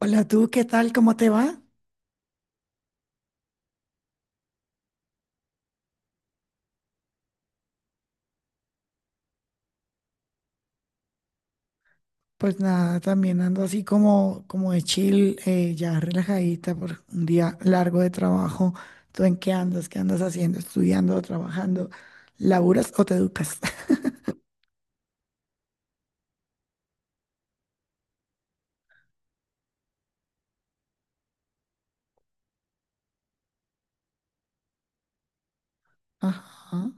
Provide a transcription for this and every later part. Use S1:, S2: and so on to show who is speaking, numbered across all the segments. S1: Hola, tú, ¿qué tal? ¿Cómo te va? Pues nada, también ando así como, como de chill, ya relajadita por un día largo de trabajo. ¿Tú en qué andas? ¿Qué andas haciendo? ¿Estudiando, trabajando? ¿Laburas o te educas? Ajá.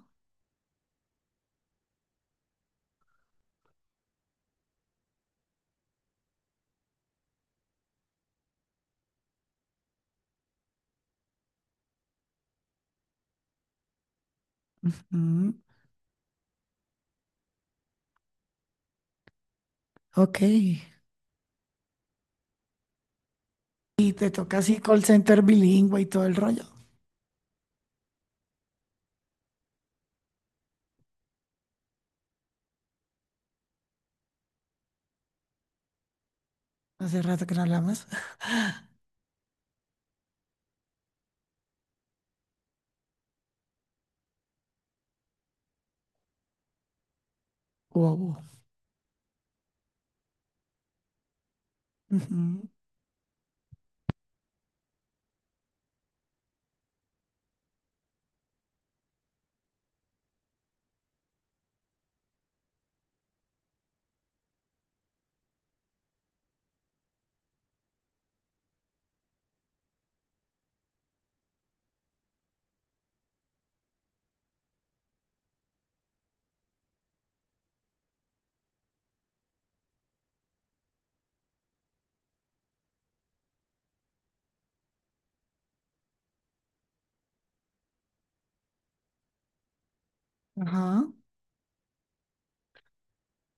S1: Mm, ok. Y te toca así call center bilingüe y todo el rollo. Hace rato que no hablamos. Wow. Ujú, ajá.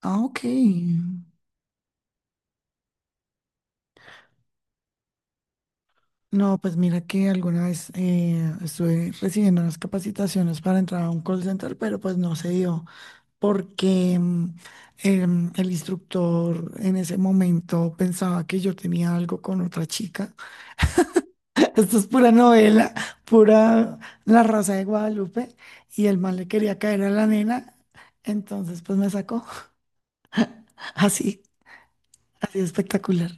S1: Ah, ok. No, pues mira que alguna vez estuve recibiendo unas capacitaciones para entrar a un call center, pero pues no se dio porque el instructor en ese momento pensaba que yo tenía algo con otra chica. Esto es pura novela, pura La Rosa de Guadalupe y el mal le quería caer a la nena, entonces pues me sacó así, así espectacular.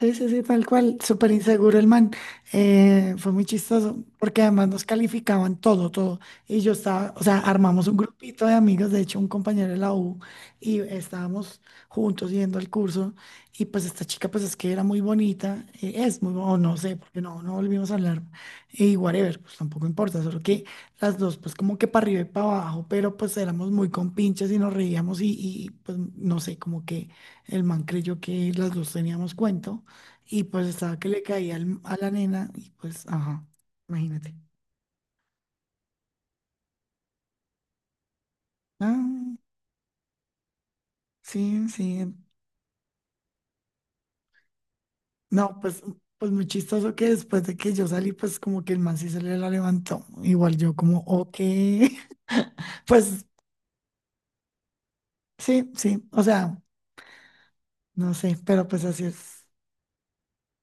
S1: Sí, sí, sí, tal cual, súper inseguro el man. Fue muy chistoso, porque además nos calificaban todo, todo. Y yo estaba, o sea, armamos un grupito de amigos, de hecho, un compañero de la U, y estábamos juntos yendo al curso. Y pues esta chica, pues es que era muy bonita, es muy, o no sé, porque no, no volvimos a hablar. Y whatever, pues tampoco importa, solo que las dos, pues como que para arriba y para abajo, pero pues éramos muy compinches y nos reíamos, y pues no sé, como que el man creyó que las dos teníamos cuento. Y pues estaba que le caía a la nena y pues, ajá, imagínate. Ah, sí, sí. No, pues, pues muy chistoso que después de que yo salí, pues como que el man sí se le la levantó. Igual yo como, ok. Pues sí, sí, o sea, no sé, pero pues así es.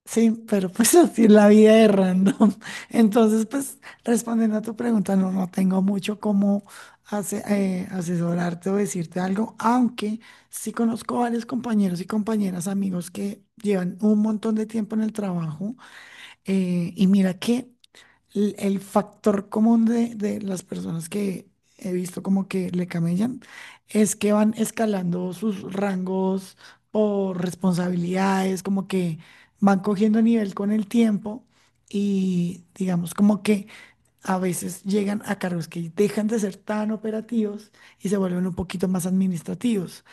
S1: Sí, pero pues así es la vida de random. Entonces, pues respondiendo a tu pregunta, no, no tengo mucho cómo asesorarte o decirte algo, aunque sí conozco varios compañeros y compañeras, amigos que llevan un montón de tiempo en el trabajo y mira que el factor común de las personas que he visto como que le camellan es que van escalando sus rangos o responsabilidades, como que van cogiendo nivel con el tiempo y digamos como que a veces llegan a cargos que dejan de ser tan operativos y se vuelven un poquito más administrativos.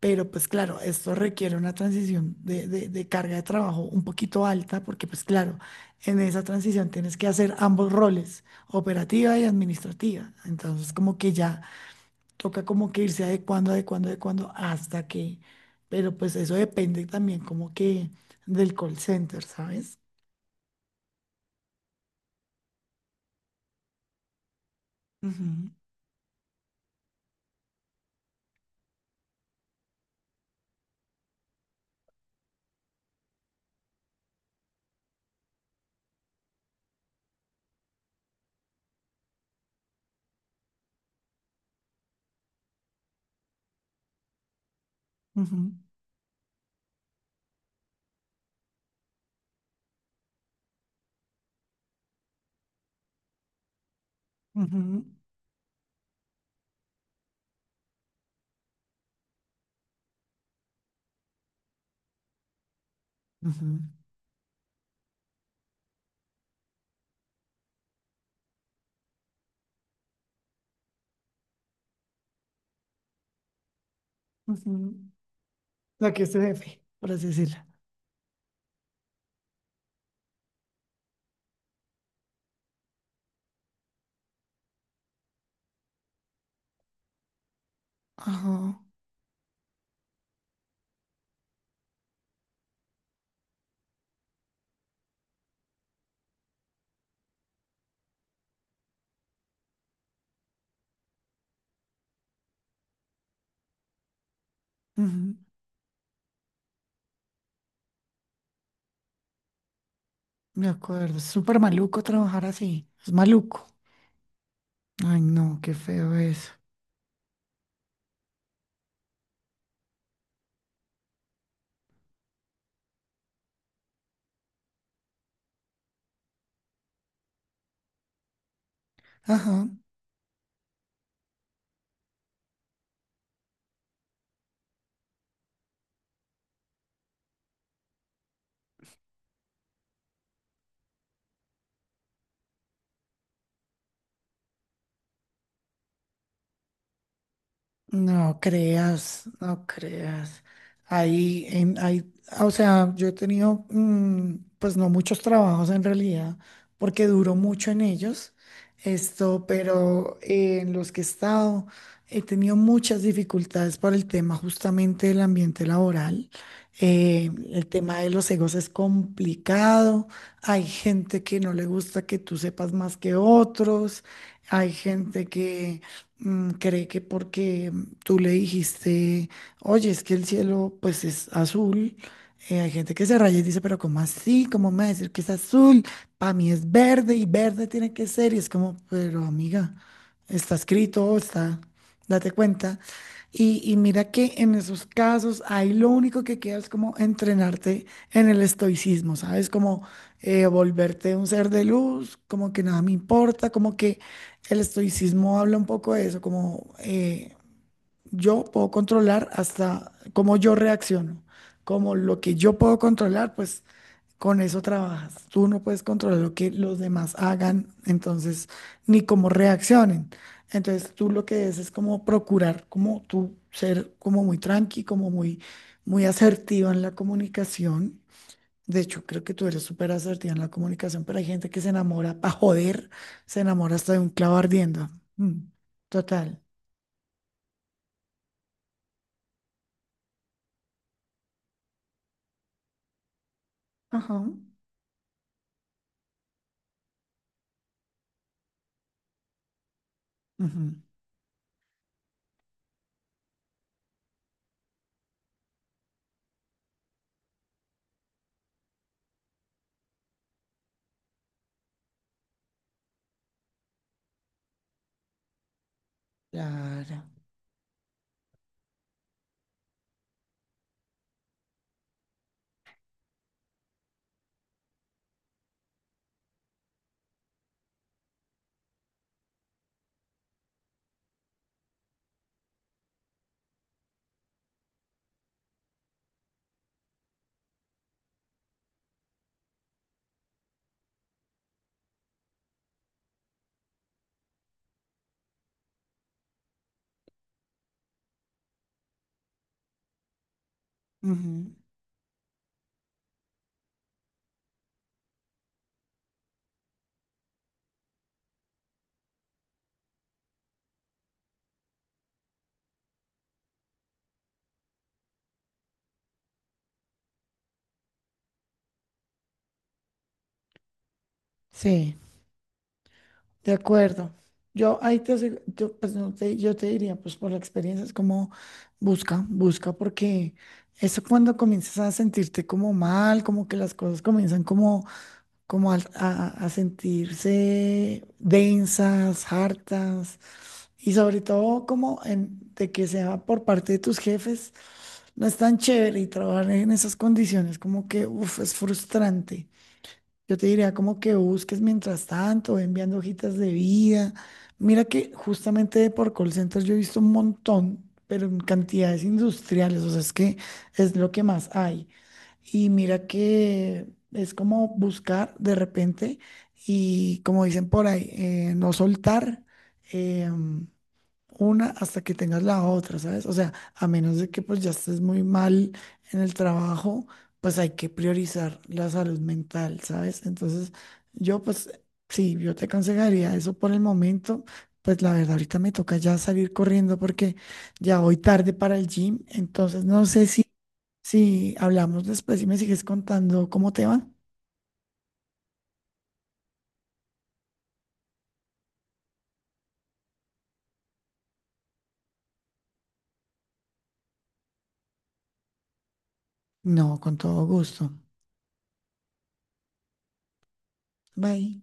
S1: Pero pues claro, esto requiere una transición de carga de trabajo un poquito alta, porque pues claro, en esa transición tienes que hacer ambos roles, operativa y administrativa. Entonces como que ya toca como que irse adecuando, adecuando, adecuando hasta que, pero pues eso depende también como que del call center, ¿sabes? Ujú, ujú, ujú, ujú. Ujú. La que es tu jefe, por así decirlo. Ajá. Me acuerdo, es súper maluco trabajar así. Es maluco. Ay, no, qué feo eso. Ajá. No creas, no creas. Ahí, o sea, yo he tenido, mm, pues no muchos trabajos en realidad, porque duró mucho en ellos, esto, pero en los que he estado he tenido muchas dificultades por el tema justamente del ambiente laboral. El tema de los egos es complicado. Hay gente que no le gusta que tú sepas más que otros. Hay gente mm, cree que porque tú le dijiste, oye, es que el cielo pues es azul, hay gente que se raya y dice, pero ¿cómo así? ¿Cómo me va a decir que es azul? Para mí es verde y verde tiene que ser. Y es como, pero amiga, está escrito, está, date cuenta. Y mira que en esos casos ahí lo único que queda es como entrenarte en el estoicismo, ¿sabes? Como volverte un ser de luz, como que nada me importa, como que el estoicismo habla un poco de eso, como yo puedo controlar hasta cómo yo reacciono, como lo que yo puedo controlar, pues con eso trabajas. Tú no puedes controlar lo que los demás hagan, entonces, ni cómo reaccionen. Entonces, tú lo que es como procurar, como tú ser como muy tranqui, como muy, muy asertiva en la comunicación, de hecho, creo que tú eres súper asertiva en la comunicación, pero hay gente que se enamora para joder, se enamora hasta de un clavo ardiendo. Mm, total. Ajá, ujú, claro, ujú, sí, de acuerdo. Yo ahí te, asegu- yo, pues, no te- Yo te diría, pues por la experiencia, es como busca, busca, porque eso cuando comienzas a sentirte como mal, como que las cosas comienzan como, a sentirse densas, hartas. Y sobre todo como en, de que sea por parte de tus jefes, no es tan chévere y trabajar en esas condiciones como que, uff, es frustrante. Yo te diría como que busques mientras tanto, ve enviando hojitas de vida. Mira que justamente de por call centers yo he visto un montón, pero en cantidades industriales, o sea, es que es lo que más hay. Y mira que es como buscar de repente y como dicen por ahí, no soltar. em, una hasta que tengas la otra, ¿sabes? O sea, a menos de que pues ya estés muy mal en el trabajo, pues hay que priorizar la salud mental, ¿sabes? Entonces, yo pues sí, yo te aconsejaría eso por el momento. Pues la verdad, ahorita me toca ya salir corriendo porque ya voy tarde para el gym. Entonces, no sé si, si hablamos después y me sigues contando cómo te va. No, con todo gusto. Bye.